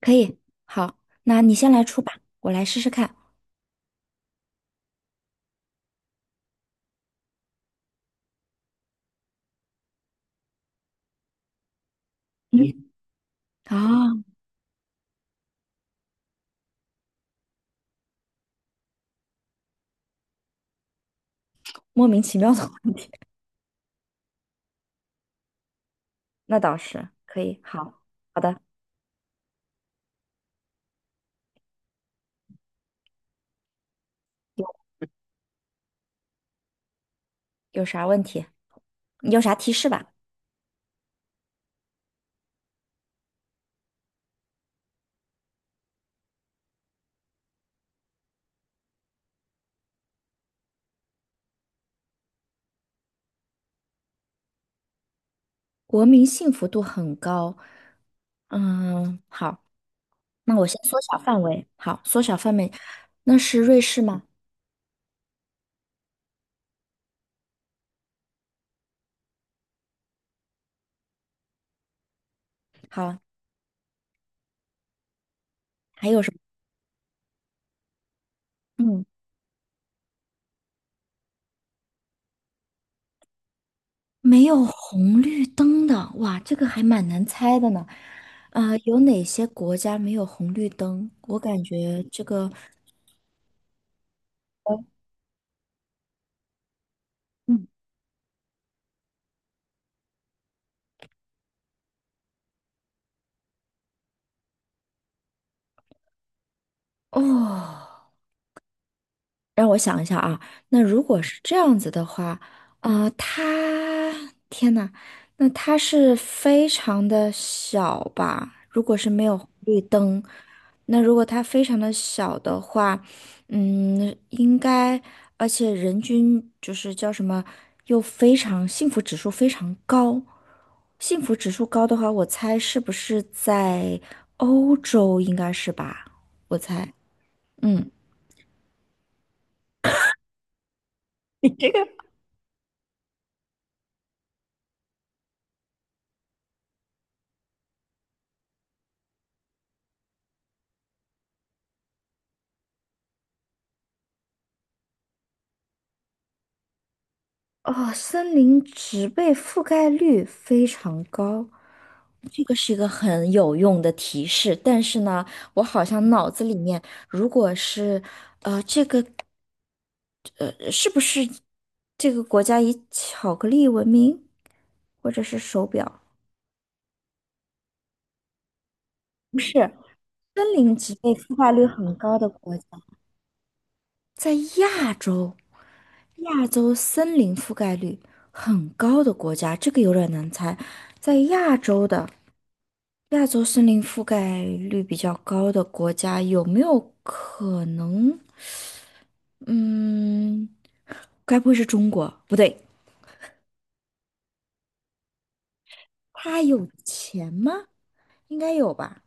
可以。好，那你先来出吧，我来试试看。嗯。啊，莫名其妙的话，那倒是可以。好，好的，有啥问题？你有啥提示吧？国民幸福度很高。嗯，好，那我先缩小范围。好，缩小范围，那是瑞士吗？好，还有什么？嗯，没有红绿灯的，哇，这个还蛮难猜的呢。啊、有哪些国家没有红绿灯？我感觉这个，呃嗯，哦。让我想一下啊，那如果是这样子的话，啊、他天呐，那他是非常的小吧？如果是没有红绿灯，那如果他非常的小的话，嗯，应该，而且人均就是叫什么，又非常幸福指数非常高，幸福指数高的话，我猜是不是在欧洲应该是吧？我猜，嗯。你这个哦，森林植被覆盖率非常高，这个是一个很有用的提示。但是呢，我好像脑子里面，如果是，是不是这个国家以巧克力闻名，或者是手表？不是，森林植被覆盖率很高的国家，在亚洲，亚洲森林覆盖率很高的国家，这个有点难猜，在亚洲的。亚洲森林覆盖率比较高的国家有没有可能？嗯，该不会是中国？不对，他有钱吗？应该有吧，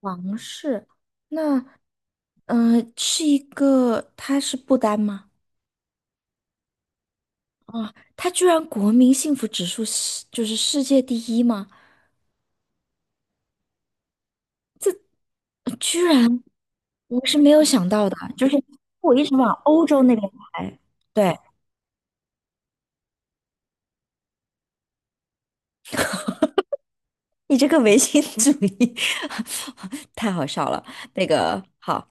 王室。那，是一个，他是不丹吗？啊，他居然国民幸福指数是就是世界第一吗？居然，我是没有想到的，就是我一直往欧洲那边排。对，你这个唯心主义 太好笑了。那个好，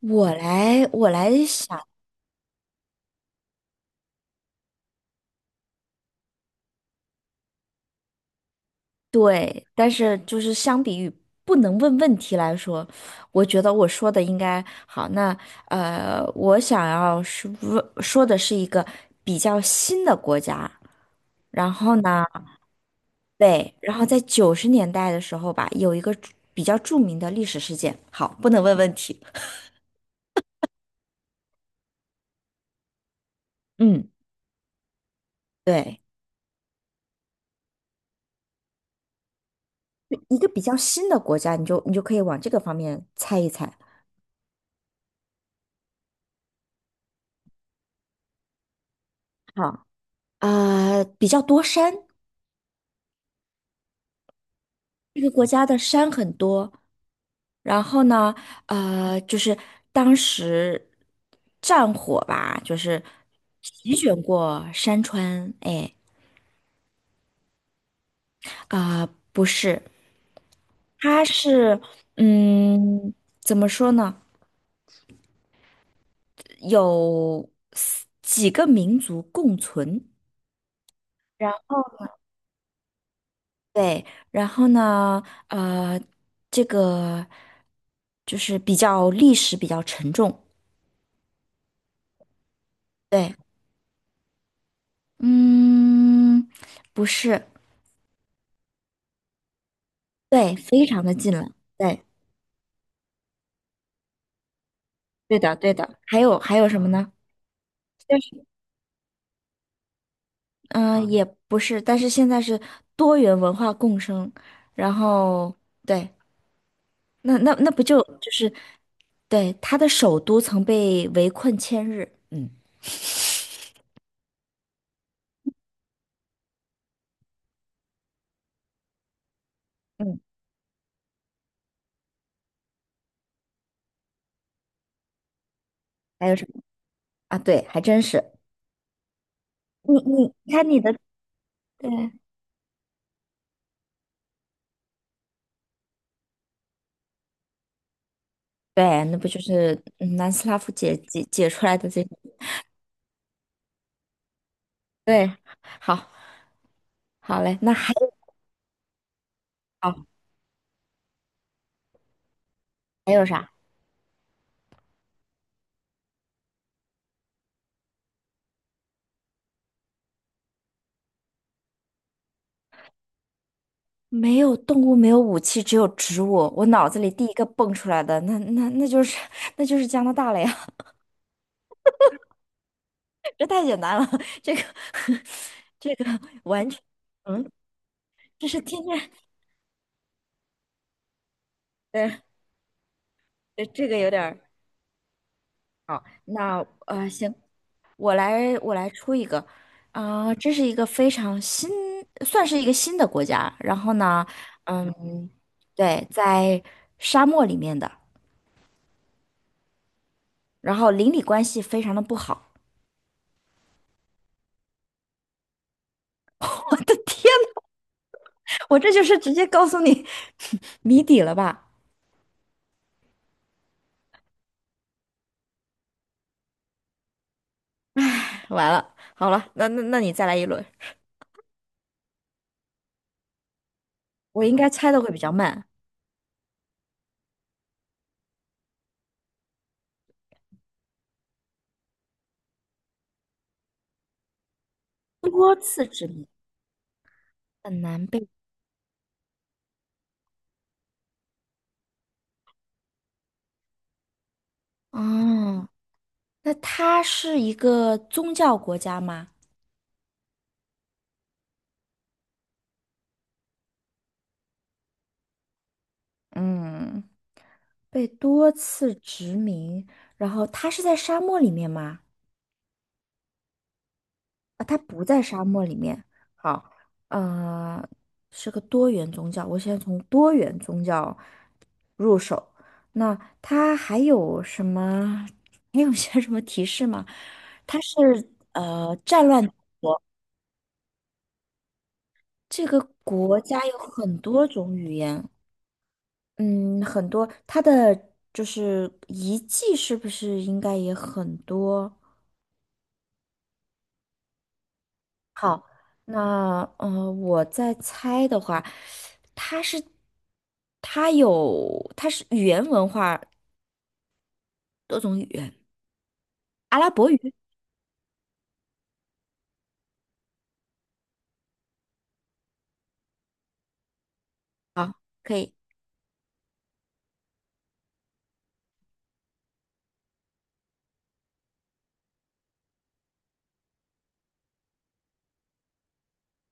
我来想，对，但是就是相比于不能问问题来说，我觉得我说的应该好。那我想要是问说的是一个比较新的国家，然后呢，对，然后在九十年代的时候吧，有一个著比较著名的历史事件。好，不能问问题。嗯，对。一个比较新的国家，你就可以往这个方面猜一猜。好，啊、比较多山，这个国家的山很多。然后呢，就是当时战火吧，就是席卷过山川。哎，啊、不是，它是，嗯，怎么说呢？有几个民族共存。然后。对，然后呢，呃，这个就是比较历史比较沉重，对，嗯，不是，对，非常的近了，对，对的，对的，还有还有什么呢？但是，嗯，也不是，但是现在是多元文化共生，然后对，那那不就就是对，它的首都曾被围困千日，嗯嗯，还有什么啊？对，还真是，你看你的。对。对，那不就是嗯南斯拉夫解解解出来的这个？对，好，好嘞，那还有好还有啥？没有动物，没有武器，只有植物。我脑子里第一个蹦出来的，那那就是 那就是加拿大了呀！这太简单了，这个 这个完全，嗯，这是天天，对，这这个有点儿好。那行，我来出一个，啊、这是一个非常新，算是一个新的国家。然后呢，嗯，对，在沙漠里面的，然后邻里关系非常的不好。我的天呐，我这就是直接告诉你 谜底了吧？完了，好了，那那你再来一轮，我应该猜的会比较慢。多次殖民很难被，哦，那它是一个宗教国家吗？嗯，被多次殖民，然后它是在沙漠里面吗？啊，它不在沙漠里面。好，呃，是个多元宗教。我先从多元宗教入手。那它还有什么？还有些什么提示吗？它是战乱这个国家有很多种语言。嗯，很多，它的就是遗迹是不是应该也很多？好，那我在猜的话，它是它有它是语言文化多种语言，阿拉伯语好，可以。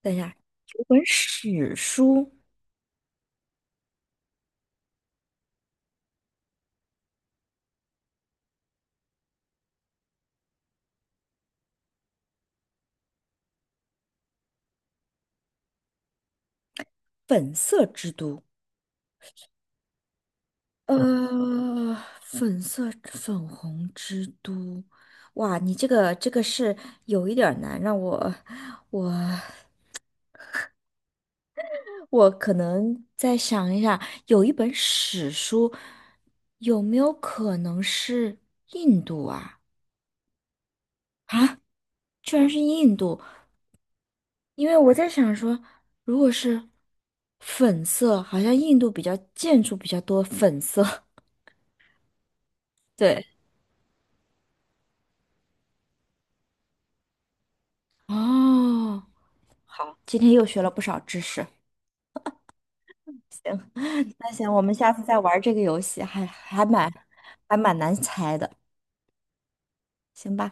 等一下，有本史书《粉色之都》，呃，粉色粉红之都，哇，你这个这个是有一点儿难，让我我我可能再想一下，有一本史书，有没有可能是印度啊？啊，居然是印度！因为我在想说，如果是粉色，好像印度比较建筑比较多粉色。对，哦，今天又学了不少知识。那行，我们下次再玩这个游戏，还蛮还蛮难猜的，行吧？